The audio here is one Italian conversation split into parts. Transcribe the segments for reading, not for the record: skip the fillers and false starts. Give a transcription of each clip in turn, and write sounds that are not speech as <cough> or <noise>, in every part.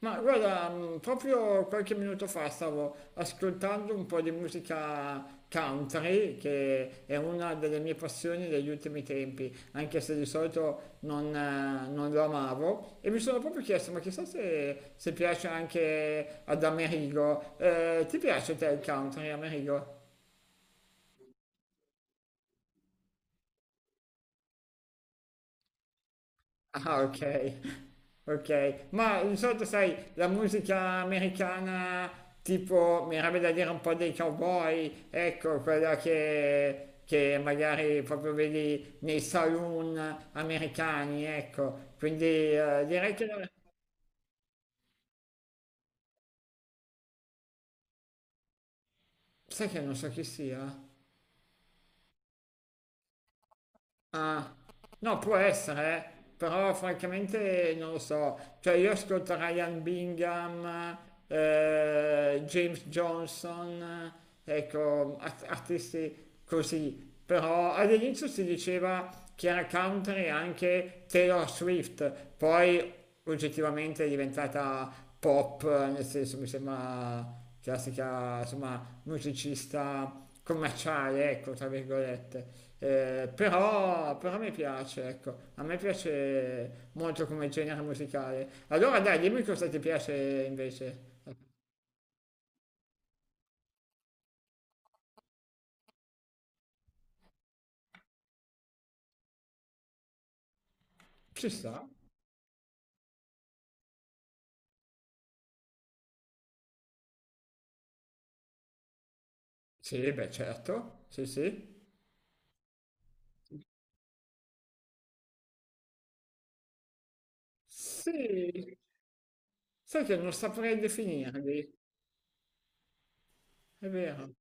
Ma guarda, proprio qualche minuto fa stavo ascoltando un po' di musica country, che è una delle mie passioni degli ultimi tempi, anche se di solito non, non lo amavo, e mi sono proprio chiesto, ma chissà se piace anche ad Amerigo. Ti piace te il country, Amerigo? Ah, ok, ok. Ma di solito, sai, la musica americana, tipo, mi avrebbe da dire un po' dei cowboy, ecco, quella che magari proprio vedi nei saloon americani, ecco. Quindi direi che... Sai che non so chi sia? Ah, no, può essere, eh. Però francamente non lo so. Cioè io ascolto Ryan Bingham, James Johnson, ecco, artisti così. Però all'inizio si diceva che era country anche Taylor Swift, poi oggettivamente è diventata pop, nel senso mi sembra classica, insomma, musicista commerciale, ecco, tra virgolette. Però mi piace, ecco, a me piace molto come genere musicale. Allora dai, dimmi cosa ti piace invece. Ci sta? Sì, beh, certo, sì, sì. Sì, sai che non saprei definirli, è vero.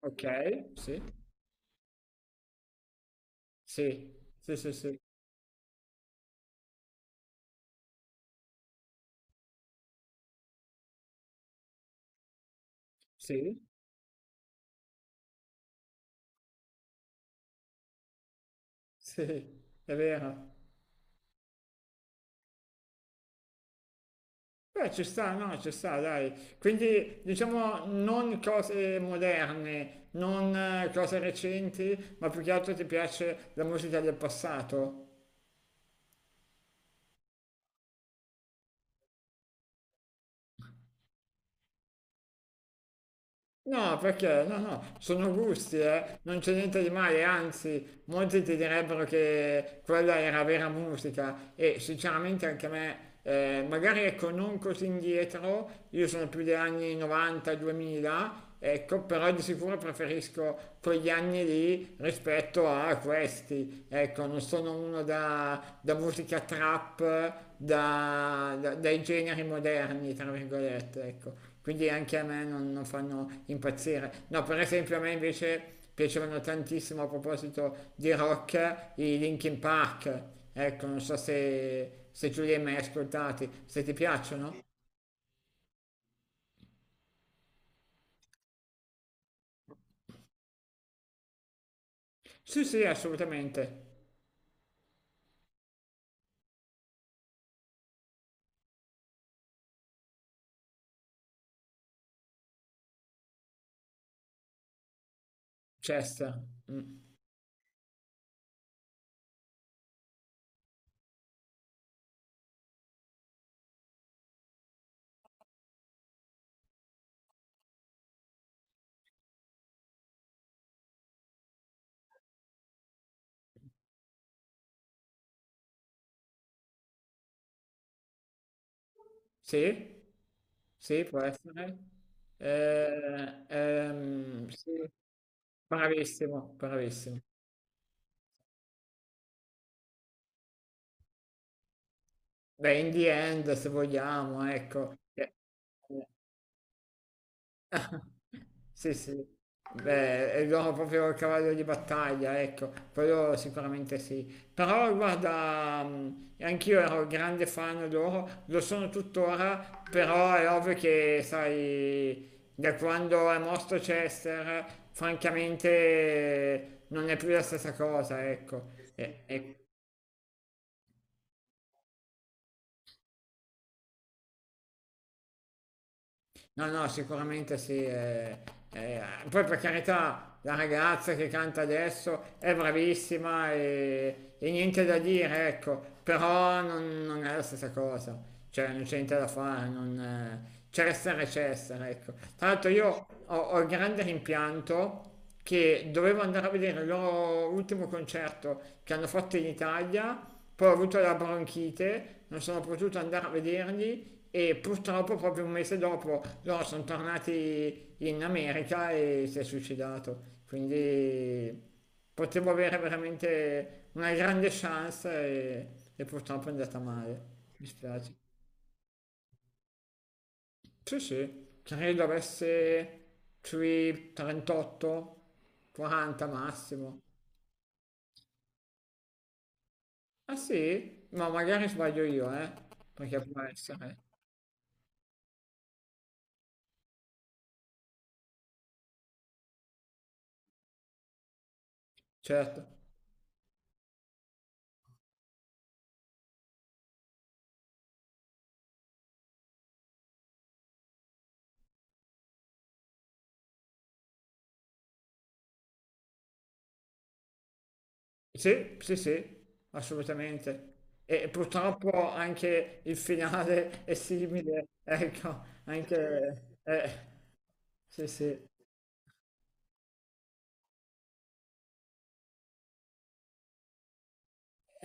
Ok, sì, sì, sì, sì, sì, sì. Sì, è vero. Beh, ci sta, no, ci sta, dai. Quindi, diciamo, non cose moderne, non cose recenti, ma più che altro ti piace la musica del passato. No, perché no, no, sono gusti, eh. Non c'è niente di male, anzi, molti ti direbbero che quella era vera musica e sinceramente anche a me, magari ecco, non così indietro, io sono più degli anni 90-2000, ecco, però di sicuro preferisco quegli anni lì rispetto a questi, ecco. Ecco, non sono uno da musica trap, dai generi moderni, tra virgolette, ecco. Quindi anche a me non, non fanno impazzire. No, per esempio a me invece piacevano tantissimo a proposito di rock i Linkin Park. Ecco, non so se tu li hai mai ascoltati, se ti piacciono. Sì, sì, assolutamente. Chester. Mm. Sì? Sì, può essere. Sì. Bravissimo, bravissimo. Beh, in the end, se vogliamo, ecco. Eh, eh. <laughs> Sì, sì. Beh, è loro proprio il cavallo di battaglia, ecco, quello sicuramente sì. Però guarda, anch'io ero grande fan loro, lo sono tuttora, però è ovvio che, sai, da quando è morto Chester, francamente non è più la stessa cosa, ecco. E- No, no, sicuramente sì. Eh, eh, poi per carità, la ragazza che canta adesso è bravissima e niente da dire, ecco, però non, non è la stessa cosa, cioè non c'è niente da fare, non, Cessare e Cessare, ecco. Tra l'altro io ho, ho il grande rimpianto che dovevo andare a vedere il loro ultimo concerto che hanno fatto in Italia poi ho avuto la bronchite, non sono potuto andare a vederli e purtroppo proprio un mese dopo loro sono tornati in America e si è suicidato. Quindi potevo avere veramente una grande chance e purtroppo è andata male. Mi spiace. Sì, sì, credo avesse sui 38, 40 massimo. Ah sì? Ma magari sbaglio io, eh? Perché può essere, certo. Sì, sì, sì, assolutamente. E purtroppo anche il finale è simile, <laughs> ecco, anche... sì, sì.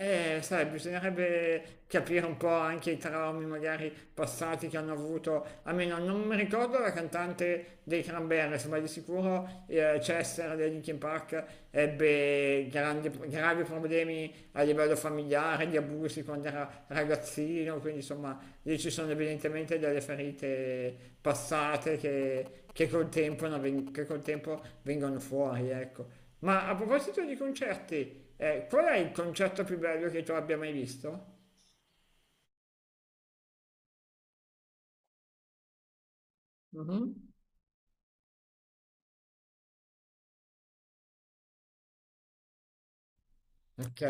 Sai, bisognerebbe capire un po' anche i traumi magari passati che hanno avuto, almeno non mi ricordo la cantante dei Cranberries, ma di sicuro Chester dei Linkin Park ebbe gravi problemi a livello familiare, di abusi quando era ragazzino, quindi insomma lì ci sono evidentemente delle ferite passate che col tempo, non ven- che col tempo vengono fuori, ecco. Ma a proposito di concerti, qual è il concerto più bello che tu abbia mai visto? Mhm. Ok,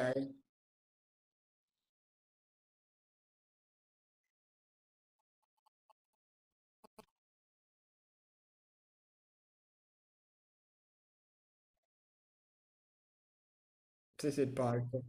sì, sì, il palco.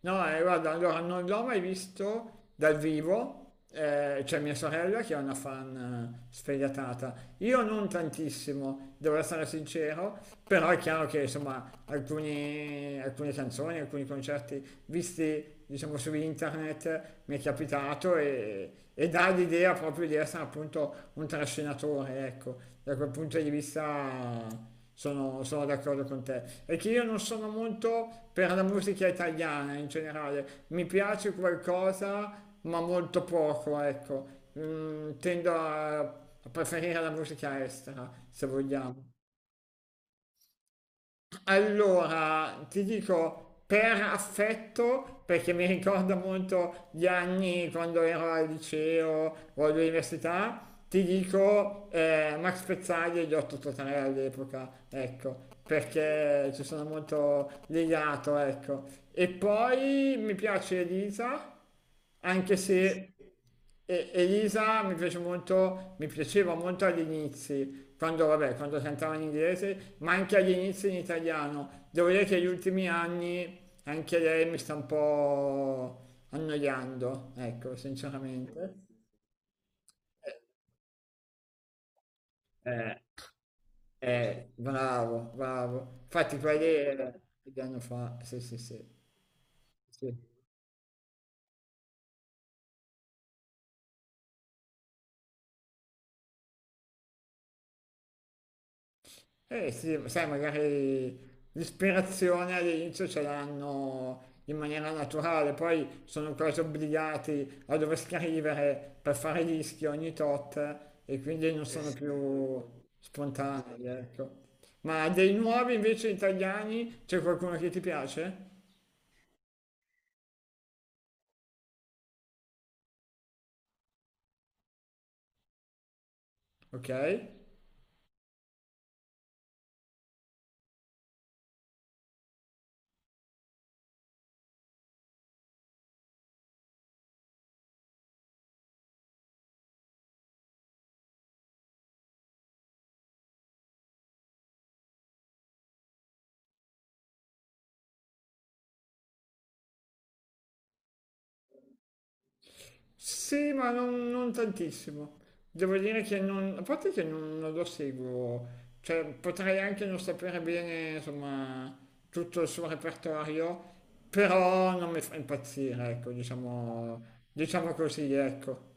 No, guarda, allora non l'ho mai visto dal vivo, c'è mia sorella che è una fan sfegatata. Io non tantissimo, devo essere sincero, però è chiaro che insomma alcune canzoni, alcuni concerti visti diciamo su internet mi è capitato e dà l'idea proprio di essere appunto un trascinatore, ecco, da quel punto di vista sono, sono d'accordo con te. È che io non sono molto per la musica italiana in generale. Mi piace qualcosa, ma molto poco, ecco. Mm, tendo a preferire la musica estera, se vogliamo. Allora, ti dico per affetto, perché mi ricorda molto gli anni quando ero al liceo o all'università, ti dico, Max Pezzaglia gli ho totale all'epoca, ecco, perché ci sono molto legato, ecco. E poi mi piace Elisa, anche se Elisa mi piace molto, mi piaceva molto agli inizi, quando, vabbè, quando cantava in inglese, ma anche agli inizi in italiano. Devo dire che negli ultimi anni anche lei mi sta un po' annoiando, ecco, sinceramente. Eh, bravo, bravo. Infatti quelle che anno fa, sì, sì, sì. Sì. Eh sì, sai, magari l'ispirazione all'inizio ce l'hanno in maniera naturale, poi sono quasi obbligati a dover scrivere per fare dischi ogni tot e quindi non eh sono sì più spontanei, ecco. Ma dei nuovi invece italiani c'è qualcuno che ti piace? Ok? Sì, ma non, non tantissimo. Devo dire che non, a parte che non, non lo seguo, cioè potrei anche non sapere bene, insomma, tutto il suo repertorio, però non mi fa impazzire, ecco, diciamo, diciamo così, ecco.